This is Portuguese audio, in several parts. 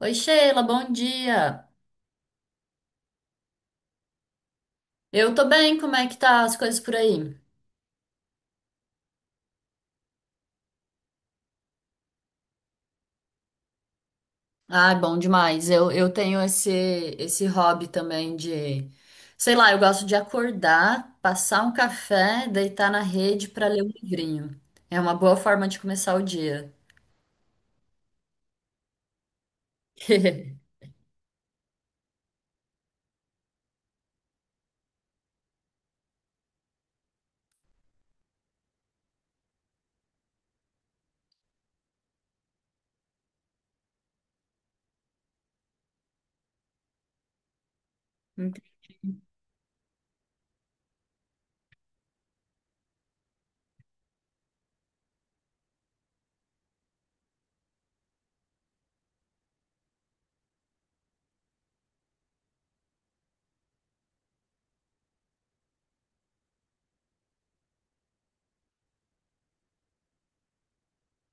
Oi, Sheila, bom dia. Eu tô bem, como é que tá as coisas por aí? Ai, bom demais. Eu tenho esse hobby também de, sei lá, eu gosto de acordar, passar um café, deitar na rede pra ler um livrinho. É uma boa forma de começar o dia.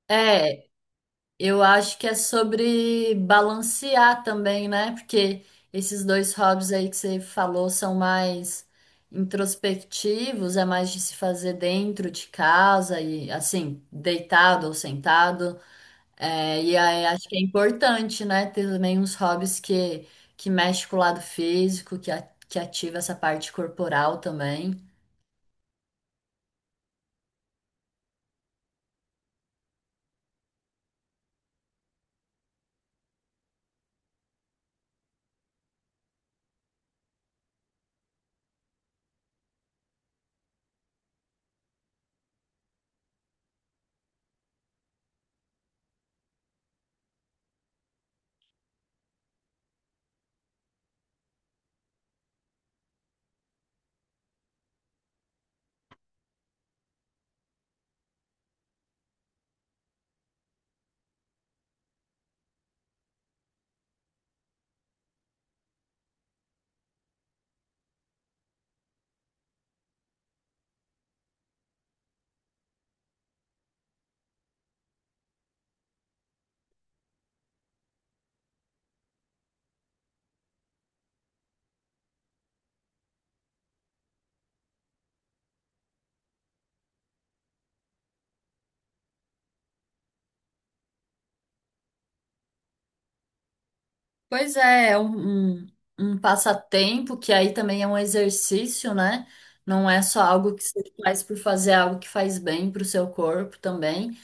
É, eu acho que é sobre balancear também, né? Porque esses dois hobbies aí que você falou são mais introspectivos, é mais de se fazer dentro de casa e assim, deitado ou sentado. É, e aí acho que é importante, né? Ter também uns hobbies que mexe com o lado físico, que ativa essa parte corporal também. Pois é, é um passatempo que aí também é um exercício, né? Não é só algo que você faz por fazer, é algo que faz bem para o seu corpo também.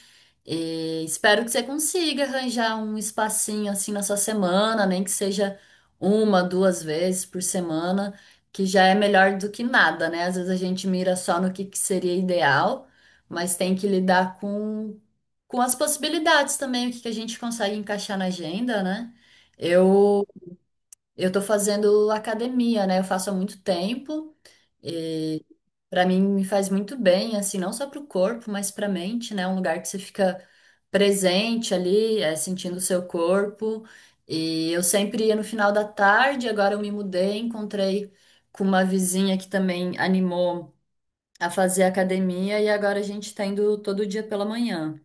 E espero que você consiga arranjar um espacinho assim na sua semana, nem que seja uma, duas vezes por semana, que já é melhor do que nada, né? Às vezes a gente mira só no que seria ideal, mas tem que lidar com as possibilidades também, que a gente consegue encaixar na agenda, né? Eu eu tô fazendo academia, né? Eu faço há muito tempo e para mim me faz muito bem, assim, não só para o corpo, mas para a mente, né? É um lugar que você fica presente ali, sentindo o seu corpo. E eu sempre ia no final da tarde, agora eu me mudei, encontrei com uma vizinha que também animou a fazer academia e agora a gente tá indo todo dia pela manhã.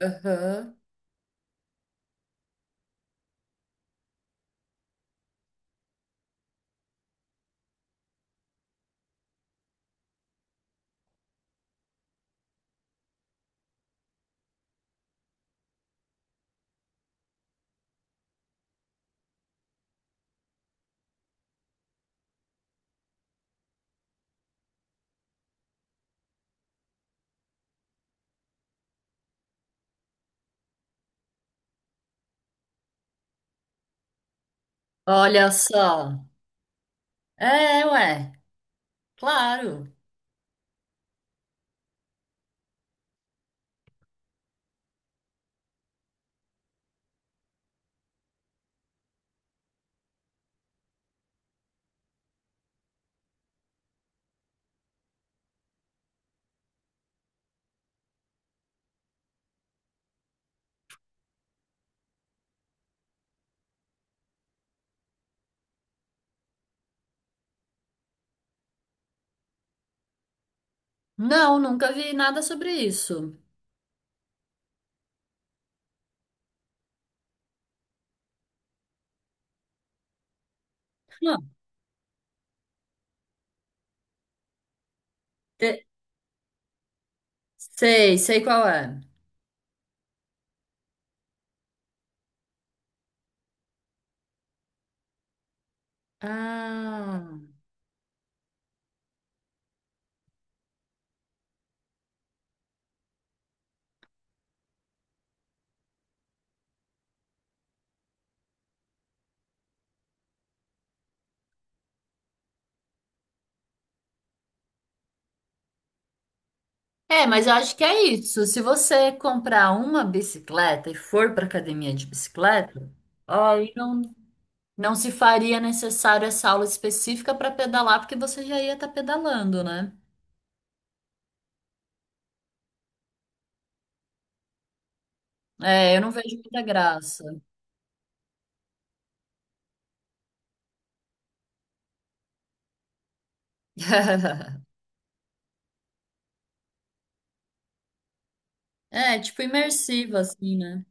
Aham. Olha só. É, ué, claro. Não, nunca vi nada sobre isso. Não, te- sei, sei qual é. Ah, é, mas eu acho que é isso. Se você comprar uma bicicleta e for para academia de bicicleta, aí não, não se faria necessário essa aula específica para pedalar, porque você já ia estar pedalando, né? É, eu não vejo muita graça. É, tipo imersiva, assim, né?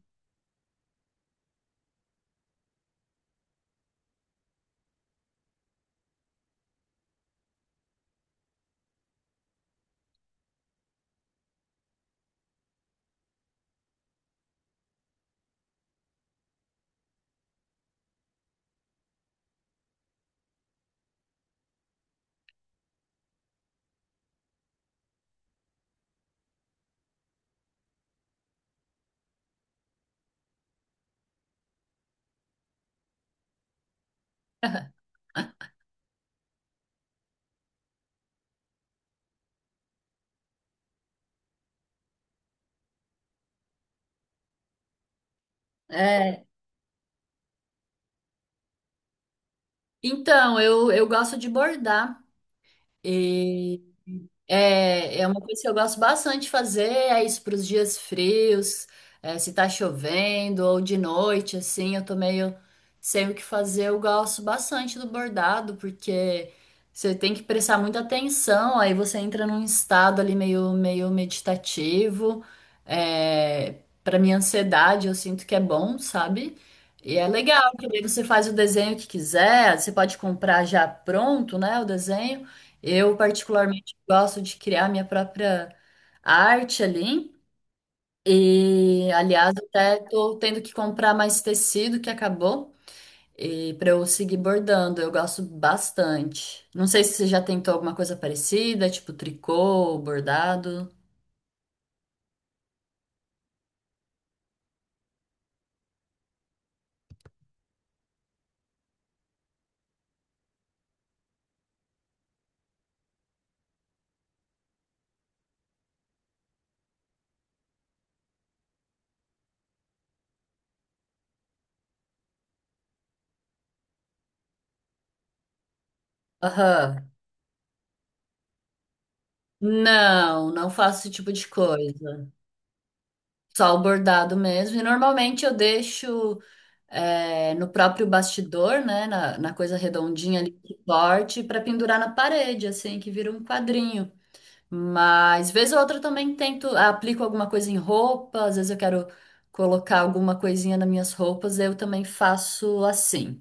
É. Então, eu gosto de bordar. É, é uma coisa que eu gosto bastante de fazer, é isso para os dias frios, é, se tá chovendo ou de noite, assim, eu tô meio sem o que fazer, eu gosto bastante do bordado, porque você tem que prestar muita atenção, aí você entra num estado ali meio meditativo, é, para minha ansiedade eu sinto que é bom, sabe? E é legal, porque daí você faz o desenho que quiser, você pode comprar já pronto, né, o desenho, eu, particularmente, gosto de criar minha própria arte ali. E, aliás, até tô tendo que comprar mais tecido que acabou e para eu seguir bordando. Eu gosto bastante. Não sei se você já tentou alguma coisa parecida, tipo tricô, bordado. Aham. Não, não faço esse tipo de coisa. Só o bordado mesmo. E normalmente eu deixo no próprio bastidor, né? Na coisa redondinha ali que corte, para pendurar na parede, assim, que vira um quadrinho. Mas, vez ou outra, eu também tento, aplico alguma coisa em roupa, às vezes eu quero colocar alguma coisinha nas minhas roupas, eu também faço assim.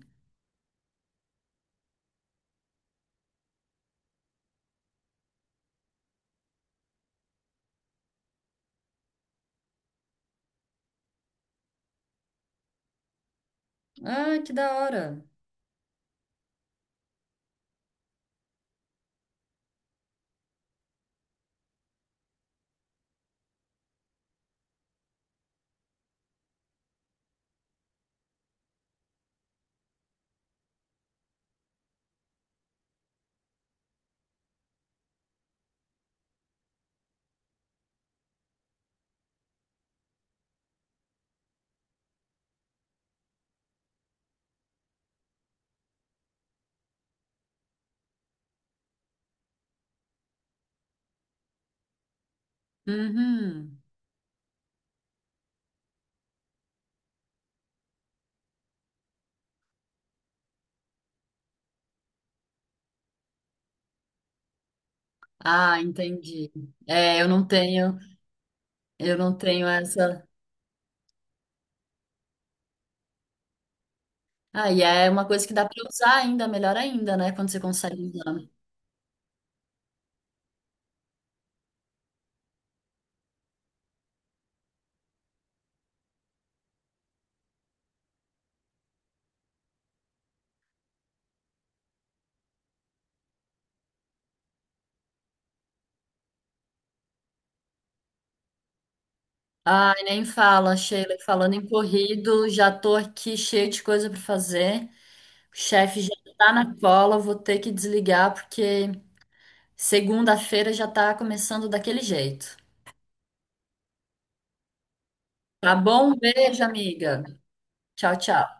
Ah, que da hora. Uhum. Ah, entendi. É, eu não tenho essa. Ah, e é uma coisa que dá para usar ainda, melhor ainda, né? Quando você consegue usar. Ai, nem fala, Sheila. Falando em corrido, já tô aqui cheia de coisa para fazer. O chefe já tá na cola, vou ter que desligar porque segunda-feira já tá começando daquele jeito. Tá bom? Um beijo, amiga. Tchau, tchau.